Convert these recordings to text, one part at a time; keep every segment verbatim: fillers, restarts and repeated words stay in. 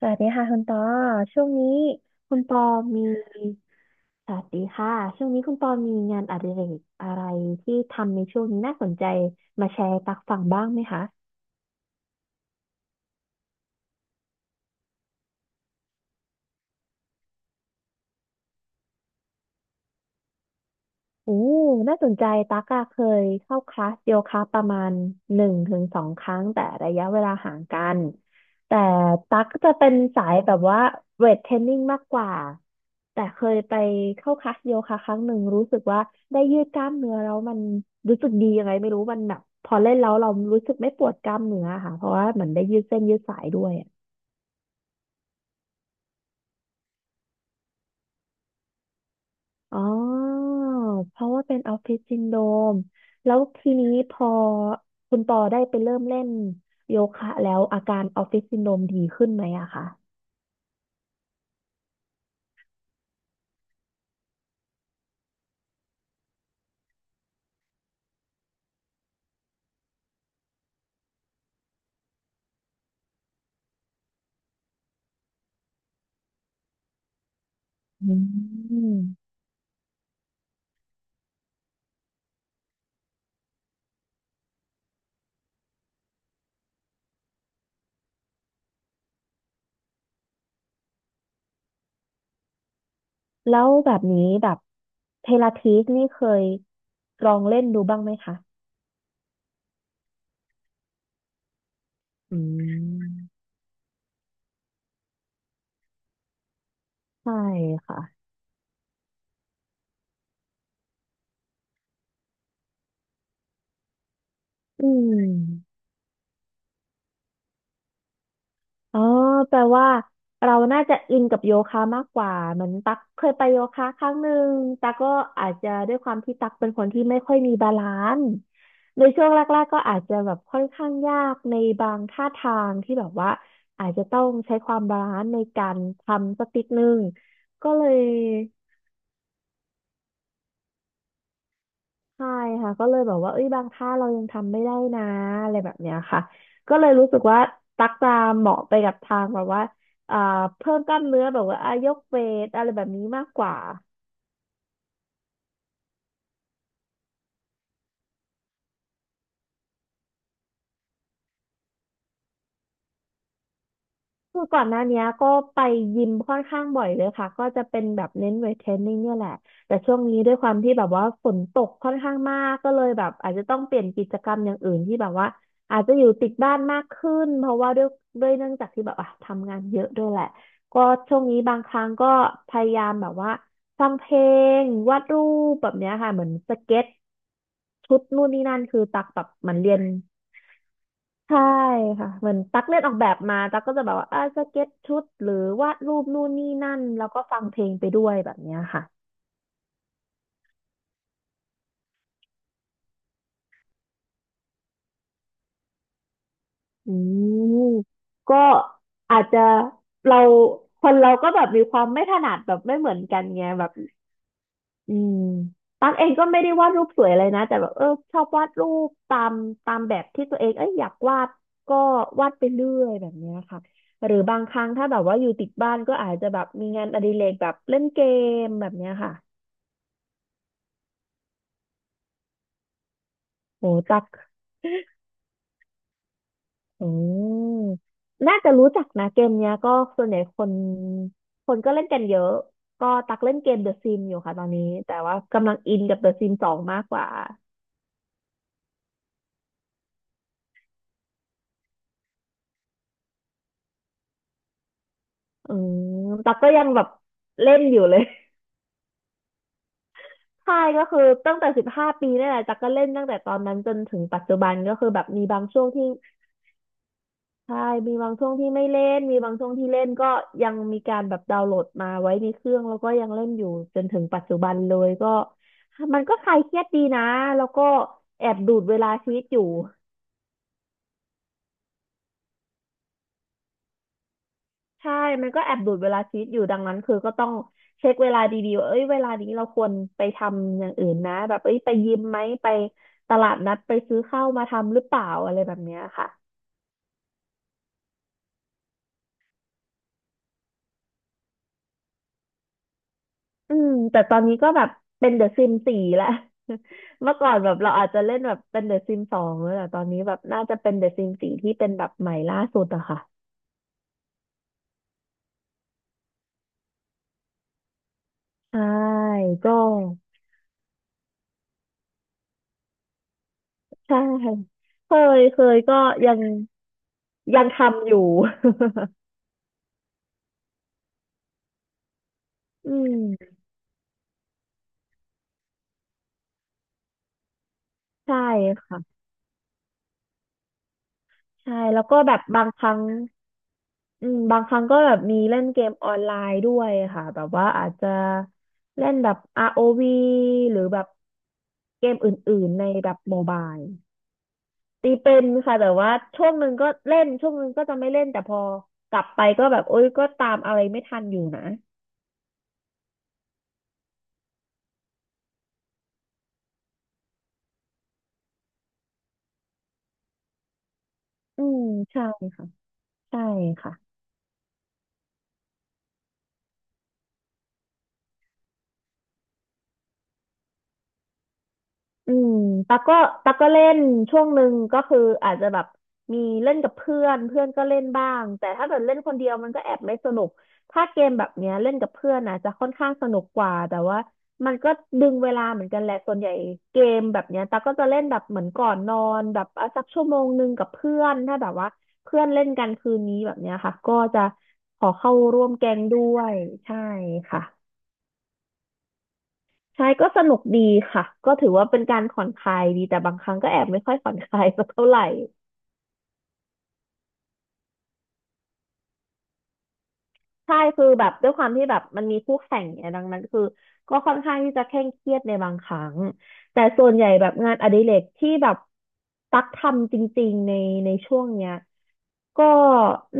สวัสดีค่ะคุณปอช่วงนี้คุณปอมีสวัสดีค่ะช่วงนี้คุณปอมีงานอดิเรกอะไรที่ทำในช่วงนี้น่าสนใจมาแชร์ให้ตักฟังบ้างไหมคะ โอ้น่าสนใจตั๊กอะเคยเข้าคลาสโยคะประมาณหนึ่งถึงสองครั้งแต่ระยะเวลาห่างกัน แต่ตั๊กจะเป็นสายแบบว่าเวทเทรนนิ่งมากกว่าแต่เคยไปเข้าคลาสโยคะครั้งหนึ่งรู้สึกว่าได้ยืดกล้ามเนื้อแล้วมันรู้สึกดียังไงไม่รู้มันแบบพอเล่นแล้วเรารู้สึกไม่ปวดกล้ามเนื้อค่ะเพราะว่าเหมือนได้ยืดเส้นยืดสายด้วย อ๋อ เพราะว่าเป็นออฟฟิศซินโดรมแล้วทีนี้พอคุณปอได้ไปเริ่มเล่นโยคะแล้วอาการออฟฟิศซินโดรมดีขึ้นไหมอะคะอืม แล้วแบบนี้แบบเทราทีสนี่เคยลองเล่นดูบ้างไหมคะอืม ใช่ค่ะอืม อ๋อแปลว่าเราน่าจะอินกับโยคะมากกว่าเหมือนตักเคยไปโยคะครั้งหนึ่งตักก็อาจจะด้วยความที่ตักเป็นคนที่ไม่ค่อยมีบาลานซ์ในช่วงแรกๆก็อาจจะแบบค่อนข้างยากในบางท่าทางที่แบบว่าอาจจะต้องใช้ความบาลานซ์ในการทำสักนิดนึงก็เลย ใช่ค่ะก็เลยแบบว่าเอ้ยบางท่าเรายังทำไม่ได้นะอะไรแบบเนี้ยค่ะก็เลยรู้สึกว่าตักตามเหมาะไปกับทางแบบว่าอ่าเพิ่มกล้ามเนื้อแบบว่าอายกเวทอะไรแบบนี้มากกว่า คือก่อนหน้าเนี้ยก็ไปยิมค่อนข้างบ่อยเลยค่ะก็จะเป็นแบบเน้นเวทเทรนนิ่งเนี่ยแหละแต่ช่วงนี้ด้วยความที่แบบว่าฝนตกค่อนข้างมากก็เลยแบบอาจจะต้องเปลี่ยนกิจกรรมอย่างอื่นที่แบบว่าอาจจะอยู่ติดบ้านมากขึ้นเพราะว่าด้วยด้วยเนื่องจากที่แบบอ่ะทำงานเยอะด้วยแหละก็ช่วงนี้บางครั้งก็พยายามแบบว่าฟังเพลงวาดรูปแบบเนี้ยค่ะเหมือนสเก็ตชุดนู่นนี่นั่นคือตักแบบเหมือนเรียน ใช่ค่ะเหมือนตั๊กเล่นออกแบบมาตั๊กก็จะแบบว่าอ่าสเก็ตชุดหรือวาดรูปนู่นนี่นั่นแล้วก็ฟังเพลงไปด้วยแบบเนี้ยค่ะอืมก็อาจจะเราคนเราก็แบบมีความไม่ถนัดแบบไม่เหมือนกันไงแบบอืมตั๊กเองก็ไม่ได้วาดรูปสวยอะไรนะแต่แบบเออชอบวาดรูปตามตามแบบที่ตัวเองเอ้ยอยากวาดก็วาดไปเรื่อยแบบเนี้ยค่ะหรือบางครั้งถ้าแบบว่าอยู่ติดบ้านก็อาจจะแบบมีงานอดิเรกแบบเล่นเกมแบบเนี้ยค่ะ รู้จักอืมน่าจะรู้จักนะเกมเนี้ยก็ส่วนใหญ่คน คนก็เล่นกันเยอะ ก็ตักเล่นเกม The Sims อยู่ค่ะตอนนี้แต่ว่ากำลังอินกับ The Sims สองมากกว่าอืมตักก็ยังแบบเล่นอยู่เลย ใช่ก็คือตั้งแต่สิบห้าปีนี่แหละตักก็เล่นตั้งแต่ตอนนั้นจนถึงปัจจุบันก็คือแบบมีบางช่วงที่ ใช่มีบางช่วงที่ไม่เล่นมีบางช่วงที่เล่นก็ยังมีการแบบดาวน์โหลดมาไว้ในเครื่องแล้วก็ยังเล่นอยู่จนถึงปัจจุบันเลยก็มันก็คลายเครียดดีนะแล้วก็แอบดูดเวลาชีวิตอยู่ใช่มันก็แอบดูดเวลาชีวิตอยู่ดังนั้นคือก็ต้องเช็คเวลาดีๆว่าเอ้ยเวลานี้เราควรไปทำอย่างอื่นนะแบบเอ้ยไปยิมไหมไปตลาดนัดไปซื้อข้าวมาทำหรือเปล่าอะไรแบบเนี้ยค่ะ อืมแต่ตอนนี้ก็แบบเป็นเดอะซิมสี่แล้ว เมื่อก่อนแบบเราอาจจะเล่นแบบเป็นเดอะซิมสองแต่ตอนนี้แบบน่าจะเป็นเดอะซิมสี่ที่เป็นแบบใหม่ล่าสุดอะค่ะใช่ก็ใช่เคยเคยก็ยังยังทำอยู่ อืมใช่ค่ะใช่แล้วก็แบบบางครั้ง อืมบางครั้งก็แบบมีเล่นเกมออนไลน์ด้วยค่ะแบบว่าอาจจะเล่นแบบ อาร์ โอ วี หรือแบบเกมอื่นๆในแบบโมบายตีเป็นค่ะแต่ว่าช่วงหนึ่งก็เล่นช่วงหนึ่งก็จะไม่เล่นแต่พอกลับไปก็แบบโอ๊ยก็ตามอะไรไม่ทันอยู่นะอืมใช่ค่ะใช่ค่ะ อืมตักก็ตักก็เล่นช่วงหนึ่งก็คืออาจจะแบบมีเล่นกับเพื่อนเพื่อนก็เล่นบ้างแต่ถ้าเกิดเล่นคนเดียวมันก็แอบไม่สนุกถ้าเกมแบบเนี้ยเล่นกับเพื่อนนะจะค่อนข้างสนุกกว่าแต่ว่ามันก็ดึงเวลาเหมือนกันแหละส่วนใหญ่เกมแบบเนี้ยตักก็จะเล่นแบบเหมือนก่อนนอนแบบอ่ะสักชั่วโมงหนึ่งกับเพื่อนถ้าแบบว่าเพื่อนเล่นกันคืนนี้แบบเนี้ยค่ะก็จะขอเข้าร่วมแก๊งด้วยใช่ค่ะ ใช่ก็สนุกดีค่ะก็ถือว่าเป็นการผ่อนคลายดีแต่บางครั้งก็แอบไม่ค่อยผ่อนคลายสักเท่าไหร่ใช่คือแบบด้วยความที่แบบมันมีคู่แข่งเนี่ยดังนั้นคือก็ค่อนข้างที่จะเคร่งเครียดในบางครั้งแต่ส่วนใหญ่แบบงานอดิเรกที่แบบตักทำจริงๆในในช่วงเนี้ยก็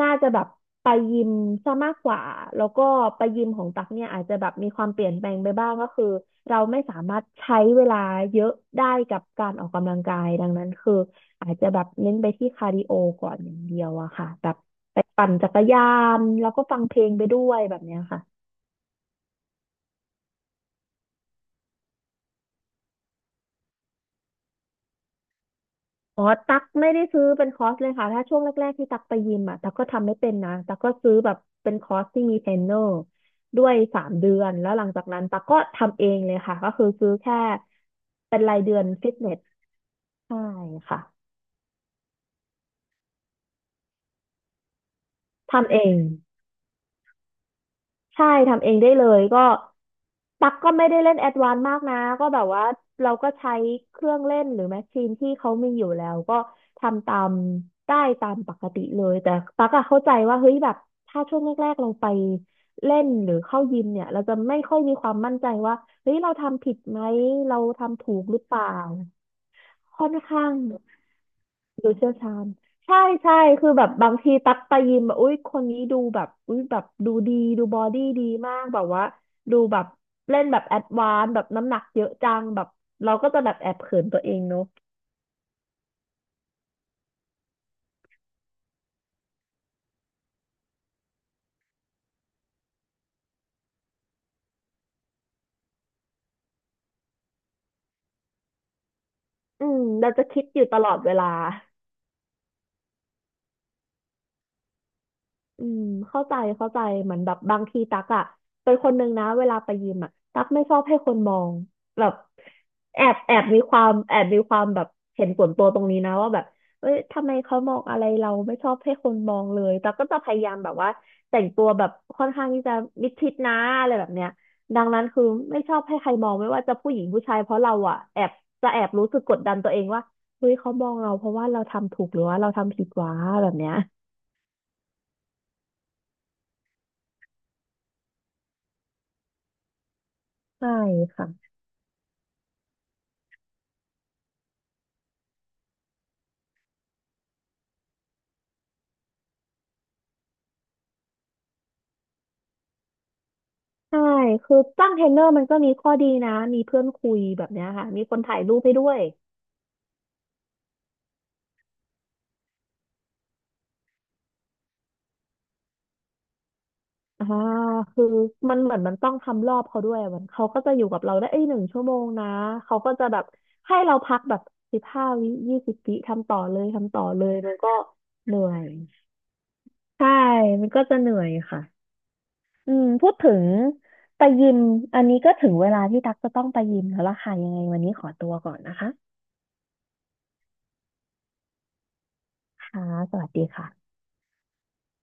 น่าจะแบบไปยิมซะมากกว่าแล้วก็ไปยิมของตักเนี่ยอาจจะแบบมีความเปลี่ยนแปลงไปบ้างก็คือเราไม่สามารถใช้เวลาเยอะได้กับการออกกำลังกายดังนั้นคือ อาจจะแบบเน้นไปที่คาร์ดิโอก่อนอย่างเดียวอะค่ะแบบไปปั่นจักรยานแล้วก็ฟังเพลงไปด้วยแบบเนี้ยค่ะอ๋อตักไม่ได้ซื้อเป็นคอร์สเลยค่ะถ้าช่วงแรกๆที่ตักไปยิมอะตักก็ทำไม่เป็นนะตักก็ซื้อแบบเป็นคอร์สที่มีเทรนเนอร์ด้วยสามเดือนแล้วหลังจากนั้นตักก็ทำเองเลยค่ะก็คือซื้อแค่เป็นรายเดือนฟิตเนสใช่ค่ะทำเอง ใช่ทำเองได้เลยก็ตักก็ไม่ได้เล่นแอดวานซ์มากนะก็แบบว่าเราก็ใช้เครื่องเล่นหรือแมชชีนที่เขามีอยู่แล้วก็ทำตามได้ตามปกติเลยแต่ตักอะเข้าใจว่าเฮ้ยแบบถ้าช่วงแรกๆเราไปเล่นหรือเข้ายิมเนี่ยเราจะไม่ค่อยมีความมั่นใจว่าเฮ้ยเราทำผิดไหมเราทำถูกหรือเปล่าค่อนข้าง ดูเชี่ยวชาญใช่ใช่คือแบบบางทีตักไปยิมแบบอุ้ยคนนี้ดูแบบอุ้ยแบบดูดีดูบอดี้ดีมากแบบว่าดูแบบเล่นแบบแอดวานซ์แบบน้ำหนักเยอะจังแบบเราก็จะแบบแอบเขินตัวเองเนอะ อืมเราจะคิดอยู่ตลอดเวลา อืมเข้าใจเข้าใจเหมือนแบบบางทีตักอะเป็นคนหนึ่งนะเวลาไปยิมอะตักไม่ชอบให้คนมองแบบแอบแอบมีความแอบมีความแบบเห็นส่วนตัวตรงนี้นะว่าแบบเอ้ยทำไมเขามองอะไรเราไม่ชอบให้คนมองเลยตักก็จะพยายามแบบว่าแต่งตัวแบบค่อนข้างที่จะมิดชิดนะอะไรแบบเนี้ยดังนั้นคือไม่ชอบให้ใครมองไม่ว่าจะผู้หญิงผู้ชายเพราะเราอะแอบจะแอบรู้สึกกดดันตัวเองว่าเฮ้ยเขามองเราเพราะว่าเราทำถูกหรือว่าเราทำผิดวะแบบเนี้ยใช่ค่ะ ใช่คือจ้างเทรนเนอร์มันก็มีข้อดีนะมีเพื่อนคุยแบบเนี้ยค่ะมีคนถ่ายรูปให้ด้วยอ่าคือมันเหมือนมันต้องทำรอบเขาด้วยอะมันเขาก็จะอยู่กับเราได้เอ้ยหนึ่งชั่วโมงนะเขาก็จะแบบให้เราพักแบบสิบห้าวิยี่สิบวิทำต่อเลยทำต่อเลยมันก็เหนื่อยใช่มันก็จะเหนื่อยค่ะอืมพูดถึงไปยิมอันนี้ก็ถึงเวลาที่ตั๊กจะต้องไปยิมแล้วล่ะค่ะยังไงวันนี้ขอตัวก่อนนะคะค่ะสวัสดีค่ะ